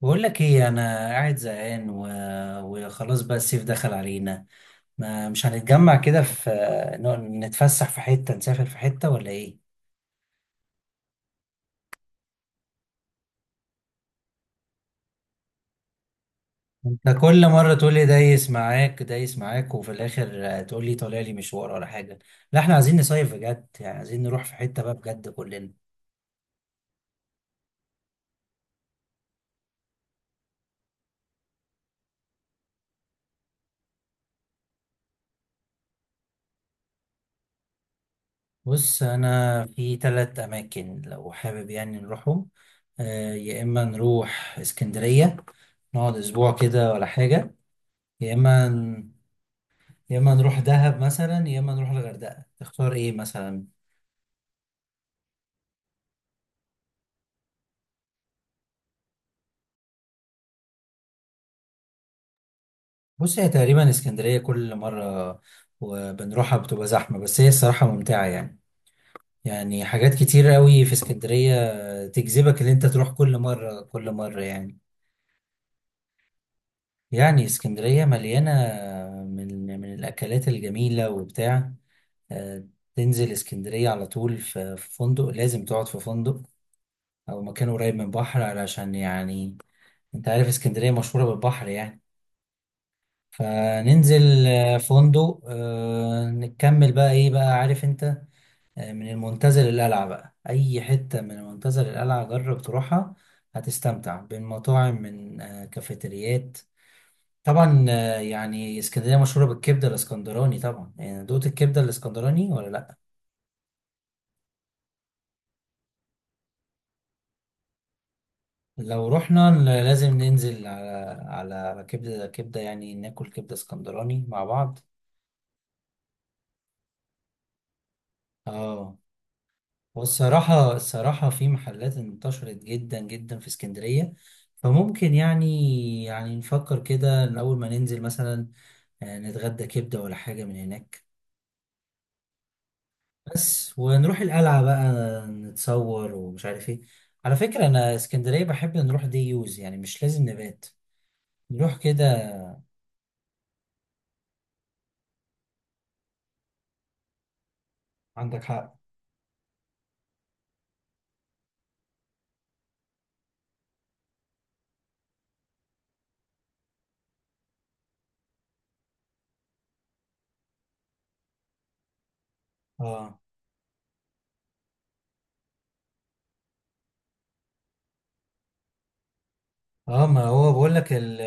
بقول لك ايه؟ انا قاعد زهقان وخلاص بقى الصيف دخل علينا. ما مش هنتجمع كده في، نتفسح في حتة، نسافر في حتة ولا ايه؟ انت كل مرة تقول لي دايس معاك دايس معاك، وفي الاخر تقول لي طالع لي مشوار ولا حاجة. لا احنا عايزين نصيف بجد، يعني عايزين نروح في حتة بقى بجد كلنا. بص انا في ثلاث اماكن لو حابب يعني نروحهم. يا اما نروح اسكندرية، نقعد اسبوع كده ولا حاجة. يا اما يا اما نروح دهب مثلا، يا اما نروح الغردقه. تختار ايه مثلا؟ بص هي تقريبا اسكندريه كل مره وبنروحها بتبقى زحمه، بس هي الصراحه ممتعه يعني. يعني حاجات كتير قوي في اسكندريه تجذبك ان انت تروح كل مره كل مره يعني. يعني اسكندريه مليانه من الاكلات الجميله وبتاع. آه، تنزل اسكندريه على طول في فندق، لازم تقعد في فندق او مكان قريب من بحر علشان يعني انت عارف اسكندريه مشهوره بالبحر يعني. فننزل فندق، نكمل بقى ايه بقى، عارف انت. من المنتزه للقلعة بقى، اي حتة من المنتزه للقلعة جرب تروحها، هتستمتع بين مطاعم، من كافيتريات. طبعا، يعني اسكندرية مشهورة بالكبدة الاسكندراني طبعا. يعني دوقت الكبدة الاسكندراني ولا لا؟ لو رحنا، لازم ننزل على كبدة، يعني ناكل كبدة اسكندراني مع بعض. اه. والصراحة في محلات انتشرت جدا جدا في اسكندرية. فممكن يعني نفكر كده إن أول ما ننزل مثلا، نتغدى كبدة ولا حاجة من هناك. بس ونروح القلعة بقى، نتصور ومش عارف ايه. على فكرة أنا اسكندرية بحب نروح دي يوز، يعني مش لازم نبات. نروح كده. عندك حق. اه اه. ما هو بقول لك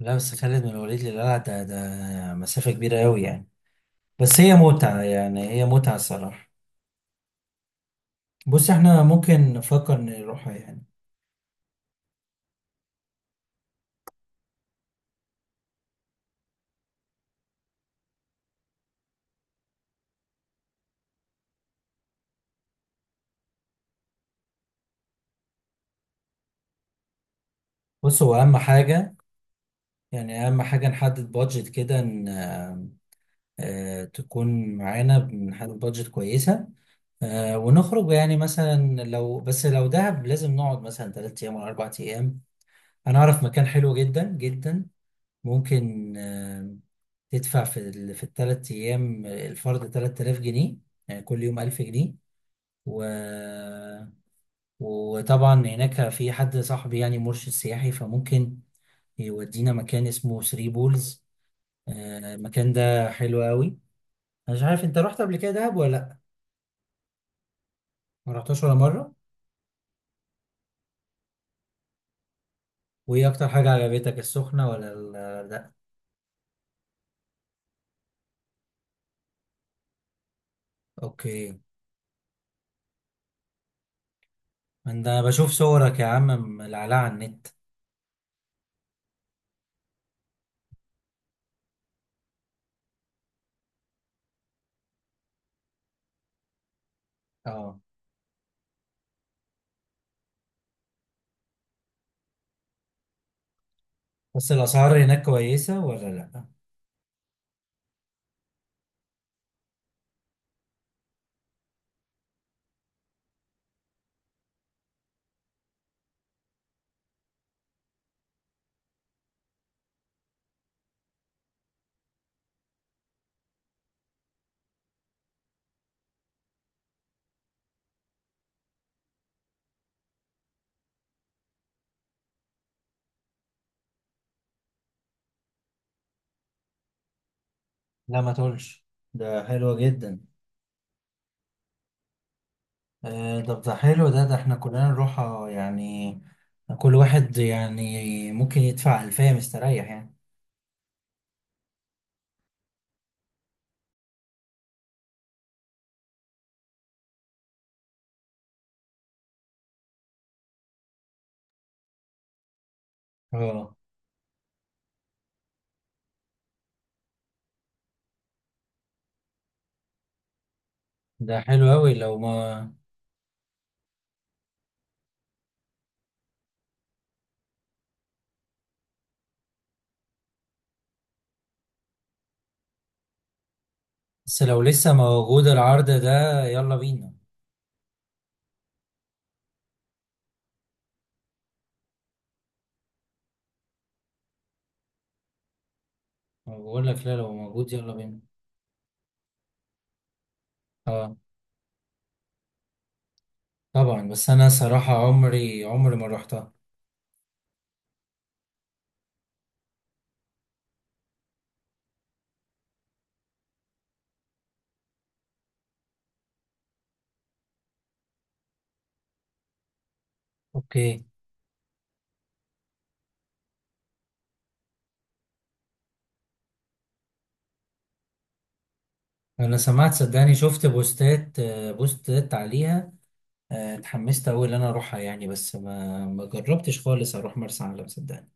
لا، بس خالد من الوليد للقلعة ده ده مسافة كبيرة أوي يعني. بس هي متعة، يعني هي متعة الصراحة. بص احنا ممكن نفكر نروح يعني. بص هو اهم حاجة، يعني اهم حاجة نحدد بادجت كده ان تكون معانا، بنحدد بادجت كويسة. ونخرج يعني. مثلا لو بس لو دهب، لازم نقعد مثلا 3 ايام ولا 4 ايام. انا اعرف مكان حلو جدا جدا، ممكن تدفع في ال3 ايام الفرد 3000 جنيه، يعني كل يوم 1000 جنيه. و وطبعا هناك في حد صاحبي يعني مرشد سياحي، فممكن يودينا مكان اسمه ثري بولز. المكان ده حلو قوي. انا مش عارف انت رحت قبل كده دهب ولا لا؟ ما رحتش ولا مره؟ وايه اكتر حاجه عجبتك، السخنه ولا لا؟ اوكي. انا بشوف صورك يا عم ملعلعه على النت. اه. بس الاسعار هناك كويسه ولا لا؟ لا ما تقولش. ده حلوه جدا. طب ده حلو، ده ده احنا كلنا نروح يعني، كل واحد يعني ممكن يدفع ألفية مستريح يعني. اه. ده حلو أوي. لو ما، بس لو لسه موجود العرض ده يلا بينا. أنا بقول لك، لا لو موجود يلا بينا. اه طبعا، بس أنا صراحة عمري عمري ما روحتها. اوكي. أنا سمعت صدقني، شفت بوستات عليها. اتحمست أوي إن أنا أروحها يعني، بس ما جربتش خالص أروح مرسى علم صدقني.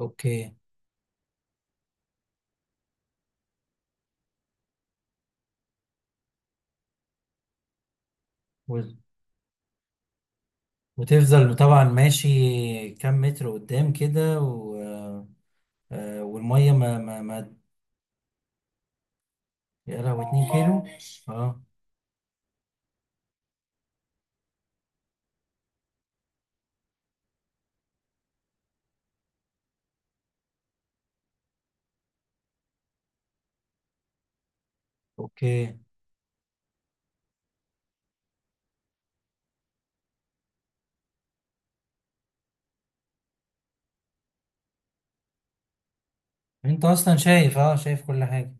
اوكي. وتفضل طبعا ماشي كام متر قدام كده و... آه، آه، والميه ما. يا لهوي، 2 كيلو. اه. اوكي. انت اصلا شايف، شايف كل حاجه.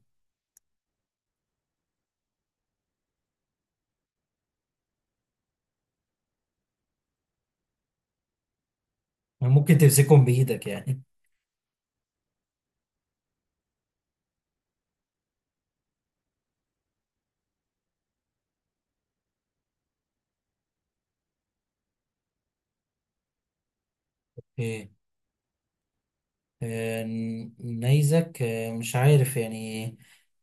ممكن تمسكهم بايدك يعني. اوكي. آه، نيزك، مش عارف يعني.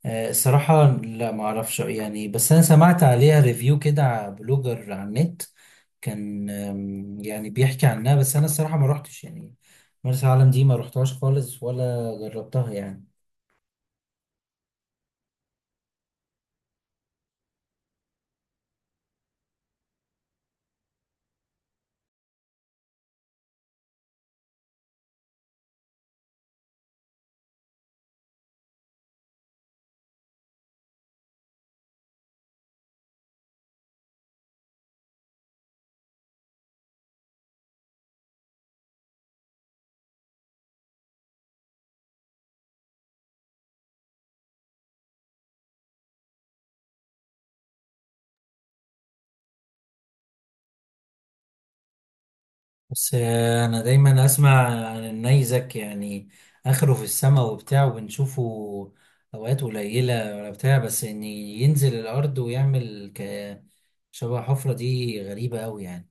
الصراحة لا، ما اعرفش يعني، بس انا سمعت عليها ريفيو كده على بلوجر على النت. كان يعني بيحكي عنها، بس انا الصراحة ما روحتش يعني. مرسى علم دي ما روحتهاش خالص ولا جربتها يعني. بس انا دايما اسمع عن النيزك، يعني اخره في السماء وبتاع وبنشوفه اوقات قليله ولا بتاع، بس ان ينزل الارض ويعمل شبه حفره دي، غريبه قوي يعني.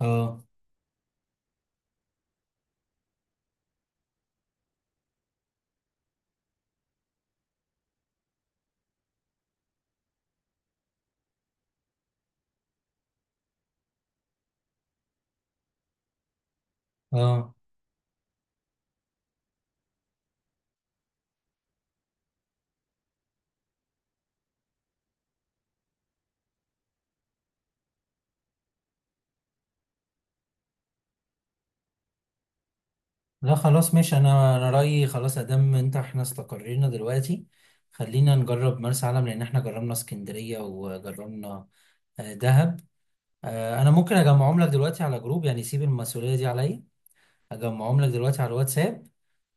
اه اه. لا خلاص ماشي. انا رايي خلاص، ادام انت احنا استقرينا دلوقتي خلينا نجرب مرسى علم، لان احنا جربنا اسكندريه وجربنا دهب. انا ممكن اجمعهم لك دلوقتي على جروب، يعني سيب المسؤوليه دي عليا، اجمعهم لك دلوقتي على الواتساب.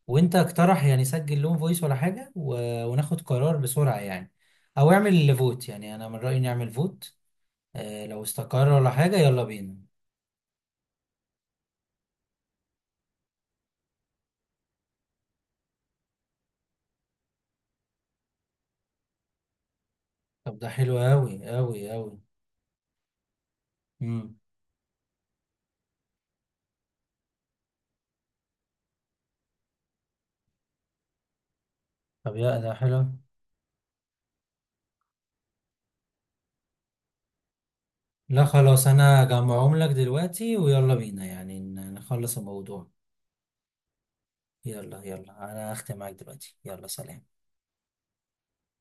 وانت اقترح، يعني سجل لهم فويس ولا حاجة وناخد قرار بسرعة يعني. او اعمل فوت، يعني انا من رأيي نعمل فوت. لو استقر ولا حاجة يلا بينا. طب ده حلو اوي اوي اوي. مم. طب يا ده حلو. لا خلاص، انا هجمعهم لك دلوقتي ويلا بينا يعني نخلص الموضوع. يلا يلا، انا هختم معاك دلوقتي، يلا سلام.